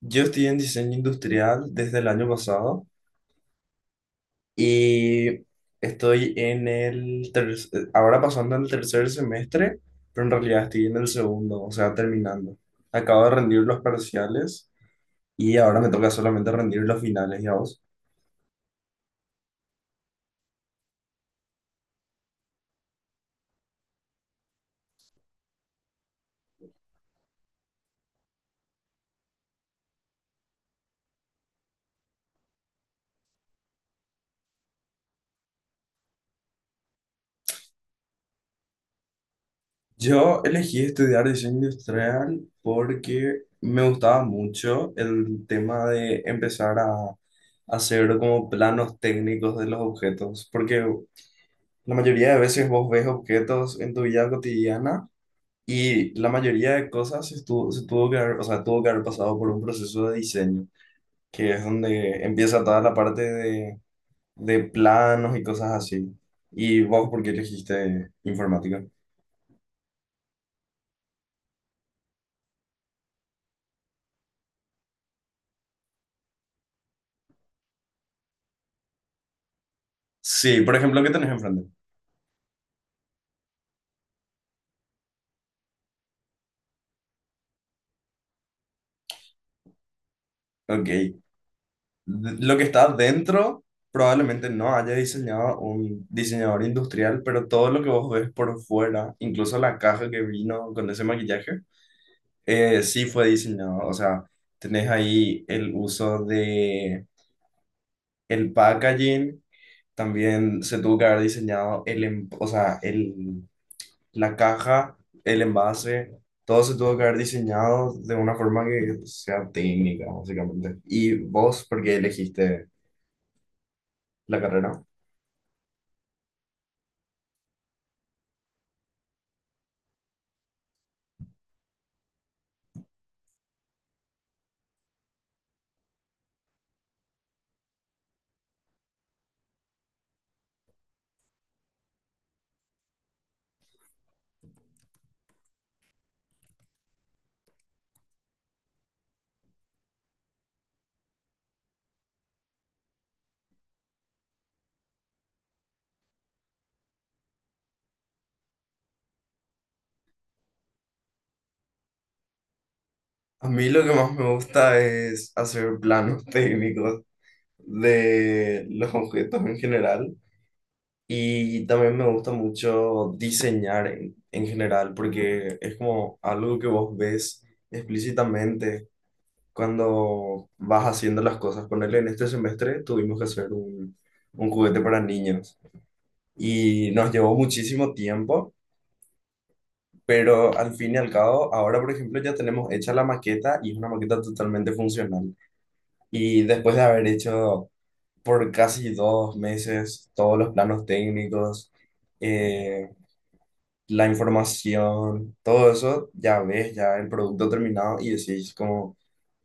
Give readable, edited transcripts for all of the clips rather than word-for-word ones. Yo estoy en diseño industrial desde el año pasado y estoy en el ahora pasando al tercer semestre, pero en realidad estoy en el segundo, o sea, terminando. Acabo de rendir los parciales y ahora me toca solamente rendir los finales, ya vos. Yo elegí estudiar diseño industrial porque me gustaba mucho el tema de empezar a hacer como planos técnicos de los objetos, porque la mayoría de veces vos ves objetos en tu vida cotidiana y la mayoría de cosas se tuvo que haber, o sea, tuvo que haber pasado por un proceso de diseño, que es donde empieza toda la parte de planos y cosas así. ¿Y vos por qué elegiste informática? Sí, por ejemplo, ¿qué tenés enfrente? Ok. Lo que está dentro probablemente no haya diseñado un diseñador industrial, pero todo lo que vos ves por fuera, incluso la caja que vino con ese maquillaje, sí fue diseñado, o sea, tenés ahí el uso de el packaging, también se tuvo que haber diseñado el, o sea, el, la caja, el envase, todo se tuvo que haber diseñado de una forma que sea técnica, básicamente. ¿Y vos por qué elegiste la carrera? A mí lo que más me gusta es hacer planos técnicos de los objetos en general. Y también me gusta mucho diseñar en general, porque es como algo que vos ves explícitamente cuando vas haciendo las cosas. Ponerle en este semestre tuvimos que hacer un juguete para niños y nos llevó muchísimo tiempo, pero al fin y al cabo, ahora por ejemplo ya tenemos hecha la maqueta y es una maqueta totalmente funcional. Y después de haber hecho por casi 2 meses todos los planos técnicos, eh, la información, todo eso, ya ves ya el producto terminado y decís como,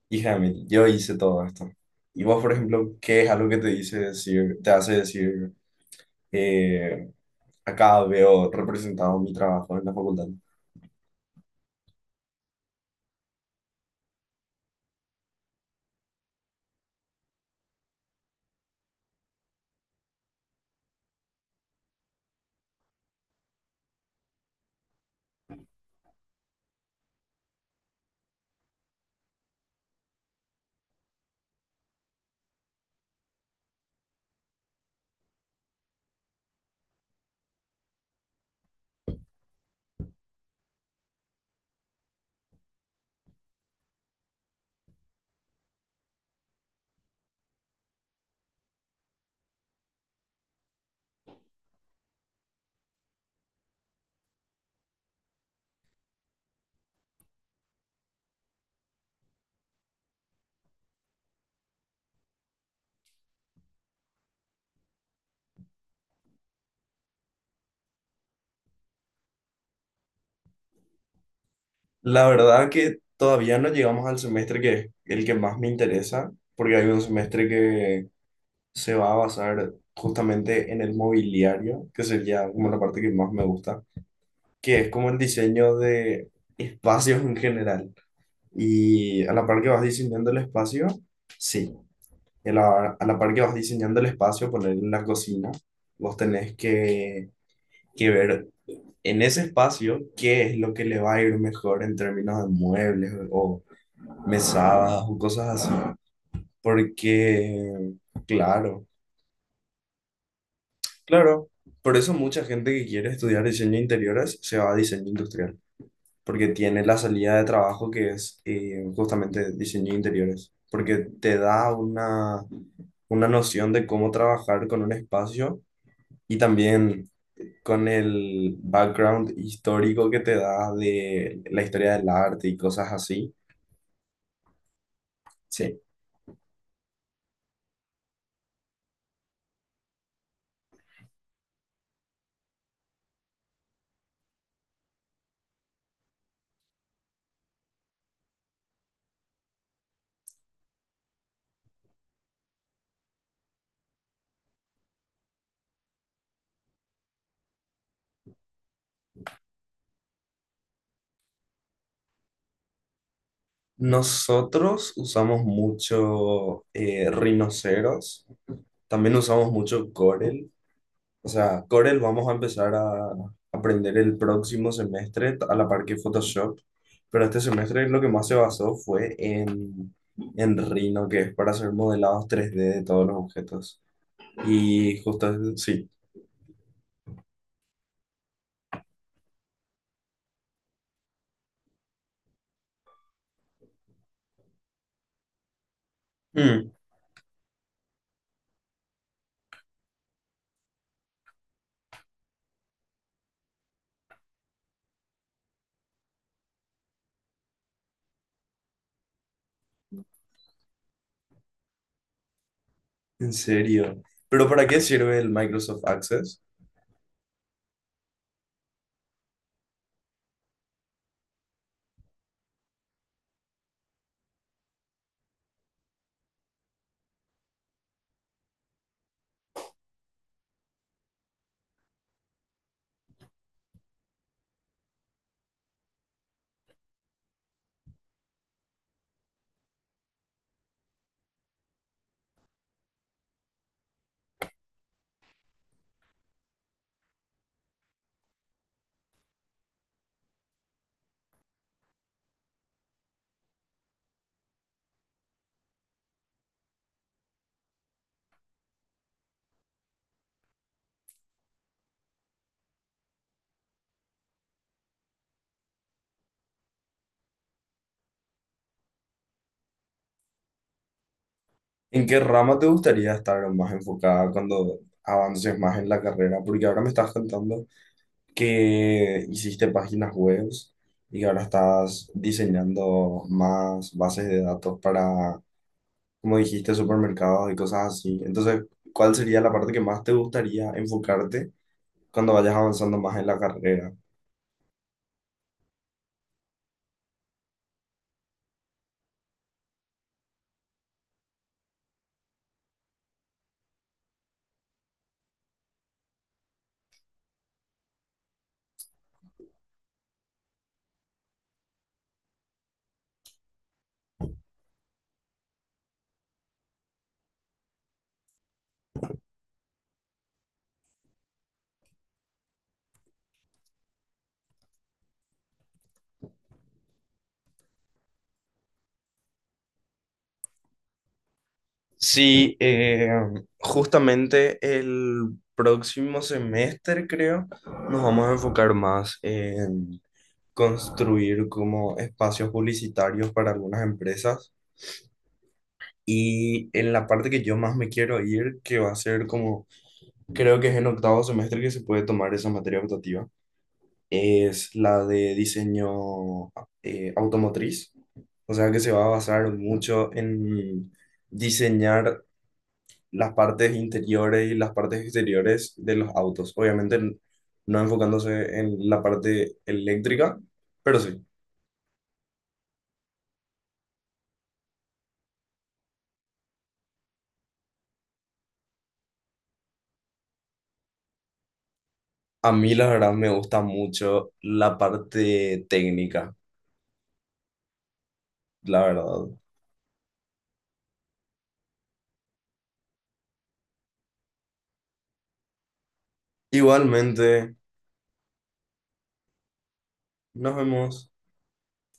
hija de mí, yo hice todo esto. Y vos, por ejemplo, ¿qué es algo que te dice decir, te hace decir, eh, acá veo representado mi trabajo en la facultad? La verdad que todavía no llegamos al semestre que es el que más me interesa, porque hay un semestre que se va a basar justamente en el mobiliario, que sería como la parte que más me gusta que es como el diseño de espacios en general. Y a la par que vas diseñando el espacio, sí, y a la par que vas diseñando el espacio, poner en la cocina, vos tenés que ver en ese espacio qué es lo que le va a ir mejor en términos de muebles o mesadas o cosas así. Porque, claro, claro, por eso mucha gente que quiere estudiar diseño de interiores se va a diseño industrial, porque tiene la salida de trabajo que es justamente diseño de interiores, porque te da una noción de cómo trabajar con un espacio y también con el background histórico que te da de la historia del arte y cosas así. Sí. Nosotros usamos mucho rinoceros, también usamos mucho Corel. O sea, Corel vamos a empezar a aprender el próximo semestre a la par que Photoshop, pero este semestre lo que más se basó fue en Rhino, que es para hacer modelados 3D de todos los objetos. Y justo, sí. Mm, en serio. ¿Pero para qué sirve el Microsoft Access? ¿En qué rama te gustaría estar más enfocada cuando avances más en la carrera? Porque ahora me estás contando que hiciste páginas web y ahora estás diseñando más bases de datos para, como dijiste, supermercados y cosas así. Entonces, ¿cuál sería la parte que más te gustaría enfocarte cuando vayas avanzando más en la carrera? Sí, justamente el próximo semestre, creo, nos vamos a enfocar más en construir como espacios publicitarios para algunas empresas. Y en la parte que yo más me quiero ir, que va a ser como, creo que es en octavo semestre que se puede tomar esa materia optativa, es la de diseño, automotriz. O sea que se va a basar mucho en diseñar las partes interiores y las partes exteriores de los autos. Obviamente no enfocándose en la parte eléctrica, pero sí. A mí la verdad me gusta mucho la parte técnica, la verdad. Igualmente, nos vemos.